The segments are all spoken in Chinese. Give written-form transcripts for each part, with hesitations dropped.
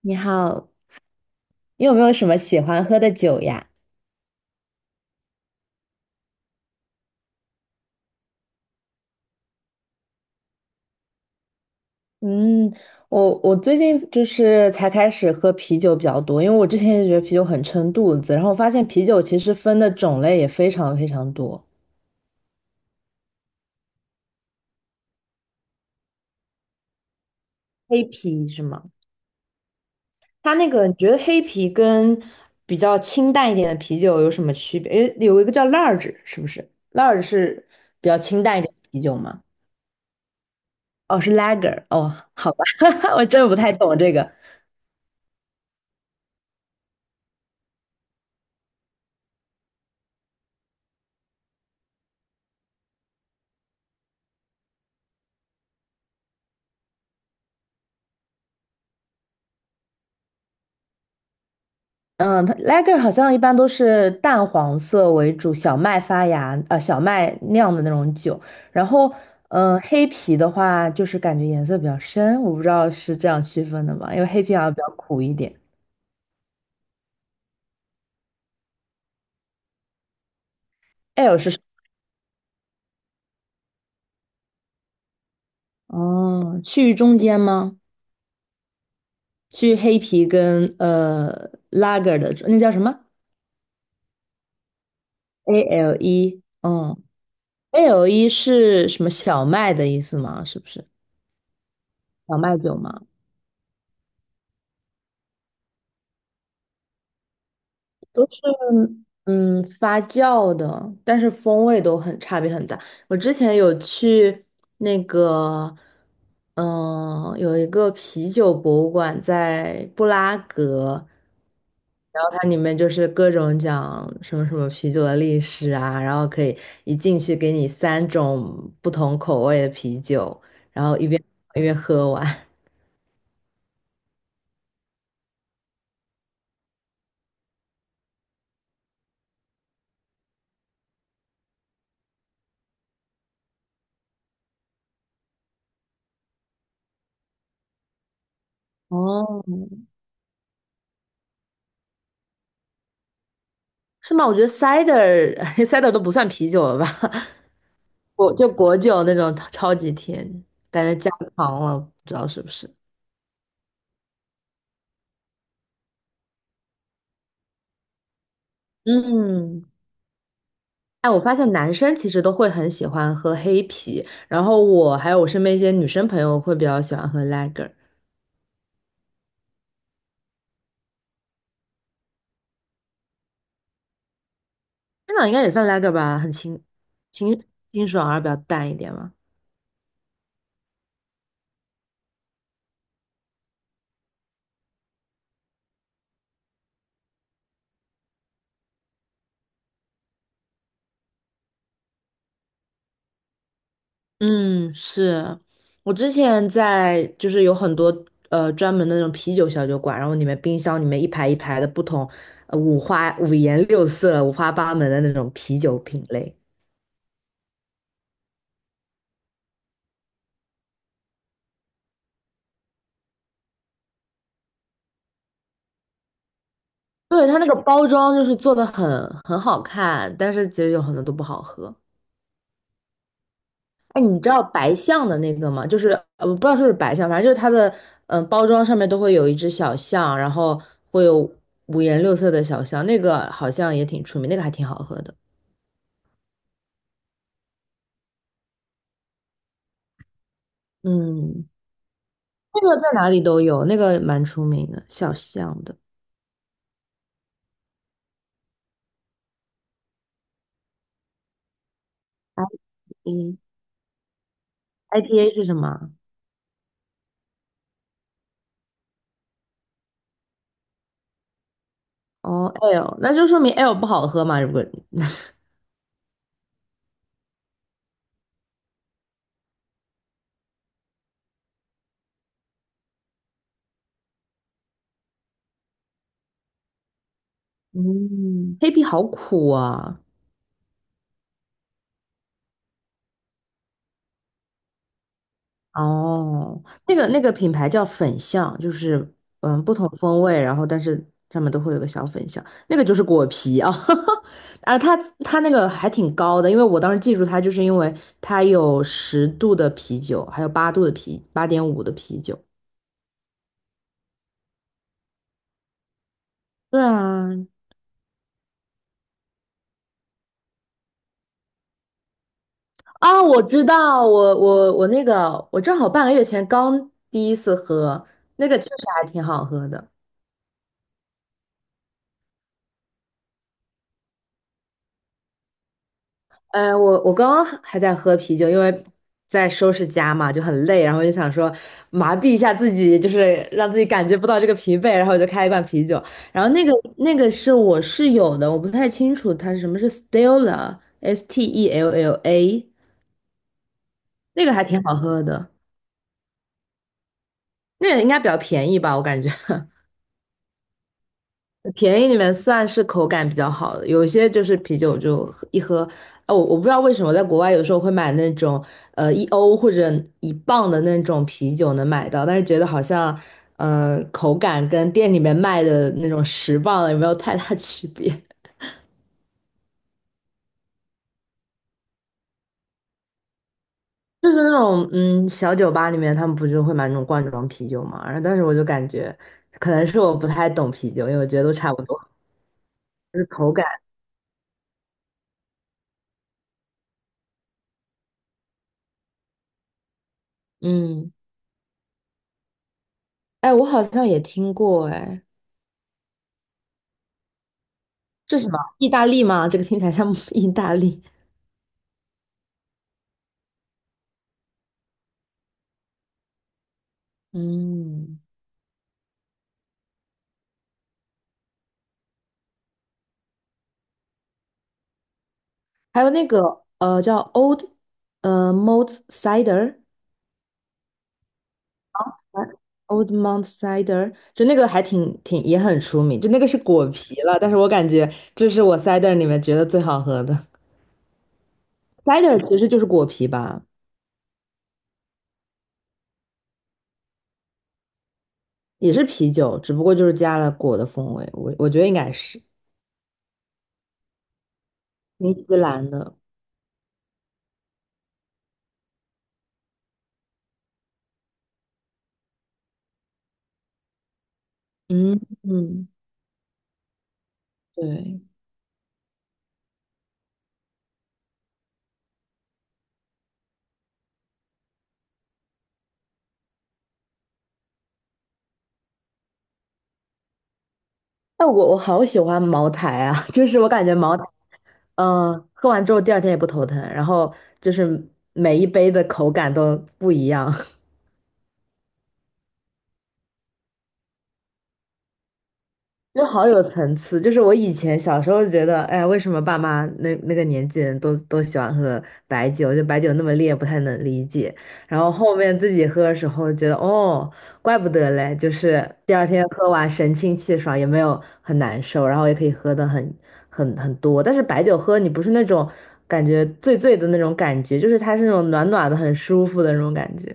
你好，你有没有什么喜欢喝的酒呀？嗯，我最近就是才开始喝啤酒比较多，因为我之前也觉得啤酒很撑肚子，然后我发现啤酒其实分的种类也非常非常多。黑啤是吗？它那个你觉得黑啤跟比较清淡一点的啤酒有什么区别？诶，有一个叫 large 是不是？large 是比较清淡一点的啤酒吗？哦，是 Lager，哦，好吧，我真的不太懂这个。嗯，它 lager 好像一般都是淡黄色为主，小麦发芽，小麦酿的那种酒。然后，黑啤的话，就是感觉颜色比较深，我不知道是这样区分的吗？因为黑啤好像比较苦一点。ale 是什么？哦，去中间吗？去黑啤跟lager 的那叫什么？ale？嗯，ale 是什么小麦的意思吗？是不是小麦酒吗？都是发酵的，但是风味都很差别很大。我之前有去那个，有一个啤酒博物馆在布拉格，然后它里面就是各种讲什么什么啤酒的历史啊，然后可以一进去给你三种不同口味的啤酒，因为喝完。哦，是吗？我觉得 cider cider 都不算啤酒了吧？果就果酒那种超级甜，感觉加糖了，不知道是不是。嗯，哎，我发现男生其实都会很喜欢喝黑啤，然后我还有我身边一些女生朋友会比较喜欢喝 lager，那应该也算 lager 吧，很清清爽而比较淡一点嘛。嗯，是我之前在就是有很多专门的那种啤酒小酒馆，然后里面冰箱里面一排一排的不同，五颜六色、五花八门的那种啤酒品类。对，它那个包装就是做的很好看，但是其实有很多都不好喝。哎，你知道白象的那个吗？就是，我不知道是不是白象，反正就是它的包装上面都会有一只小象，然后会有五颜六色的小象，那个好像也挺出名，那个还挺好喝的。嗯，那个在哪里都有，那个蛮出名的，小象的。嗯， I 嗯，IPA 是什么啊？哦，L，那就说明 L 不好喝嘛，如果 嗯，黑啤好苦啊。哦，那个品牌叫粉象，就是不同风味，然后但是上面都会有个小粉象，那个就是果皮啊，啊它那个还挺高的，因为我当时记住它，就是因为它有10度的啤酒，还有8度的啤，8.5的啤酒。对啊，啊，我知道，我正好半个月前刚第一次喝，那个确实还挺好喝的。我刚刚还在喝啤酒，因为在收拾家嘛，就很累，然后就想说麻痹一下自己，就是让自己感觉不到这个疲惫，然后我就开了一罐啤酒。然后那个是我室友的，我不太清楚它是什么，是 Stella，S T E L L A，那个还挺好喝的，那个应该比较便宜吧，我感觉。便宜里面算是口感比较好的，有些就是啤酒就喝一喝，哦，我不知道为什么在国外有时候会买那种1欧或者1磅的那种啤酒能买到，但是觉得好像口感跟店里面卖的那种10磅的也没有太大区别，就是那种小酒吧里面他们不是会买那种罐装啤酒嘛，然后但是我就感觉可能是我不太懂啤酒，因为我觉得都差不多，就是口感，嗯，哎，我好像也听过，哎。这是什么？意大利吗？这个听起来像 意大利。嗯，还有那个叫 Old Mount Cider Old Mount Cider，就那个还挺也很出名，就那个是果啤了，但是我感觉这是我 cider 里面觉得最好喝的。cider 其实就是果啤吧，也是啤酒，只不过就是加了果的风味，我觉得应该是新西兰的。嗯嗯，对，但我好喜欢茅台啊，就是我感觉茅台，喝完之后第二天也不头疼，然后就是每一杯的口感都不一样。就好有层次，就是我以前小时候觉得，哎呀为什么爸妈那个年纪人都喜欢喝白酒，就白酒那么烈，不太能理解。然后后面自己喝的时候，觉得哦，怪不得嘞，就是第二天喝完神清气爽，也没有很难受，然后也可以喝的很多。但是白酒喝你不是那种感觉醉醉的那种感觉，就是它是那种暖暖的、很舒服的那种感觉。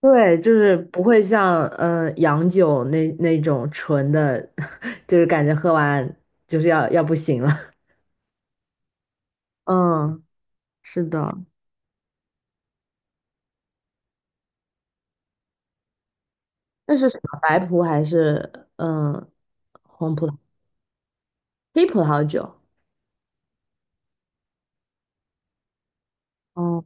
对，就是不会像洋酒那种纯的，就是感觉喝完就是要不行了。嗯，是的。那是什么？白葡还是嗯、呃红葡萄、黑葡萄酒？哦，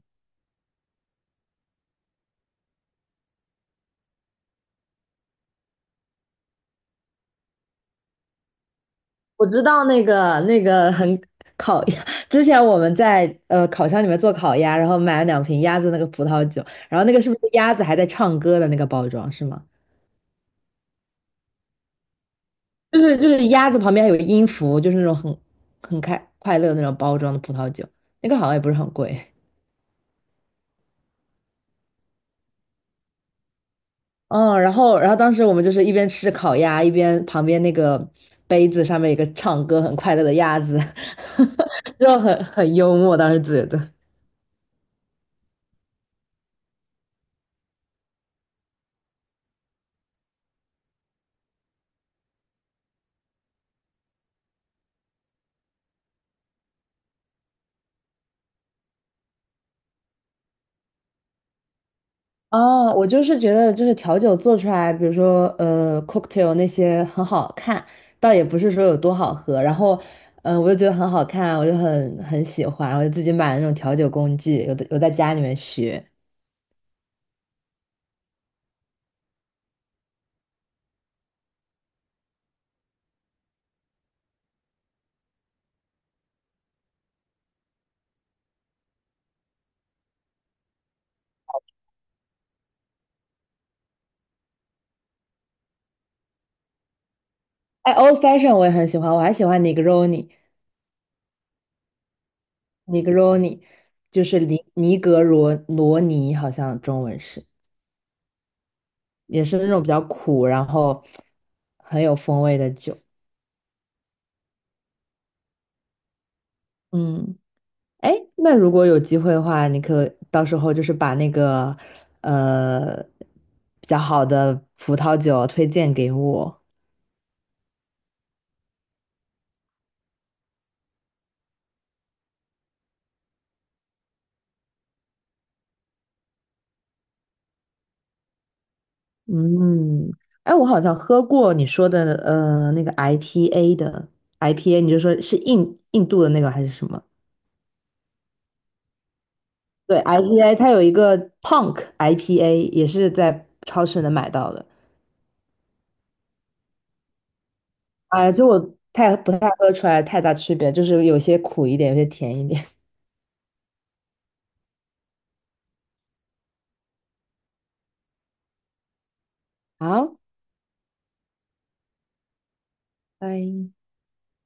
我知道那个很烤鸭，之前我们在烤箱里面做烤鸭，然后买了两瓶鸭子那个葡萄酒，然后那个是不是鸭子还在唱歌的那个包装是吗？就是鸭子旁边还有个音符，就是那种很开快乐那种包装的葡萄酒，那个好像也不是很贵。嗯，然后当时我们就是一边吃烤鸭，一边旁边那个杯子上面有一个唱歌很快乐的鸭子，就很幽默，当时觉得。哦，我就是觉得，就是调酒做出来，比如说cocktail 那些很好看，倒也不是说有多好喝。然后，我就觉得很好看，我就很喜欢，我就自己买了那种调酒工具，有的有在家里面学。哎，old fashion 我也很喜欢，我还喜欢 Negroni，Negroni 就是尼尼格罗罗尼，好像中文是，也是那种比较苦，然后很有风味的酒。嗯，哎，那如果有机会的话，你可到时候就是把那个呃比较好的葡萄酒推荐给我。嗯，哎，我好像喝过你说的那个 IPA 的 IPA，你就说是印度的那个还是什么？对，IPA 它有一个 Punk IPA，也是在超市能买到的。哎，就我太不太喝出来太大区别，就是有些苦一点，有些甜一点。好，拜。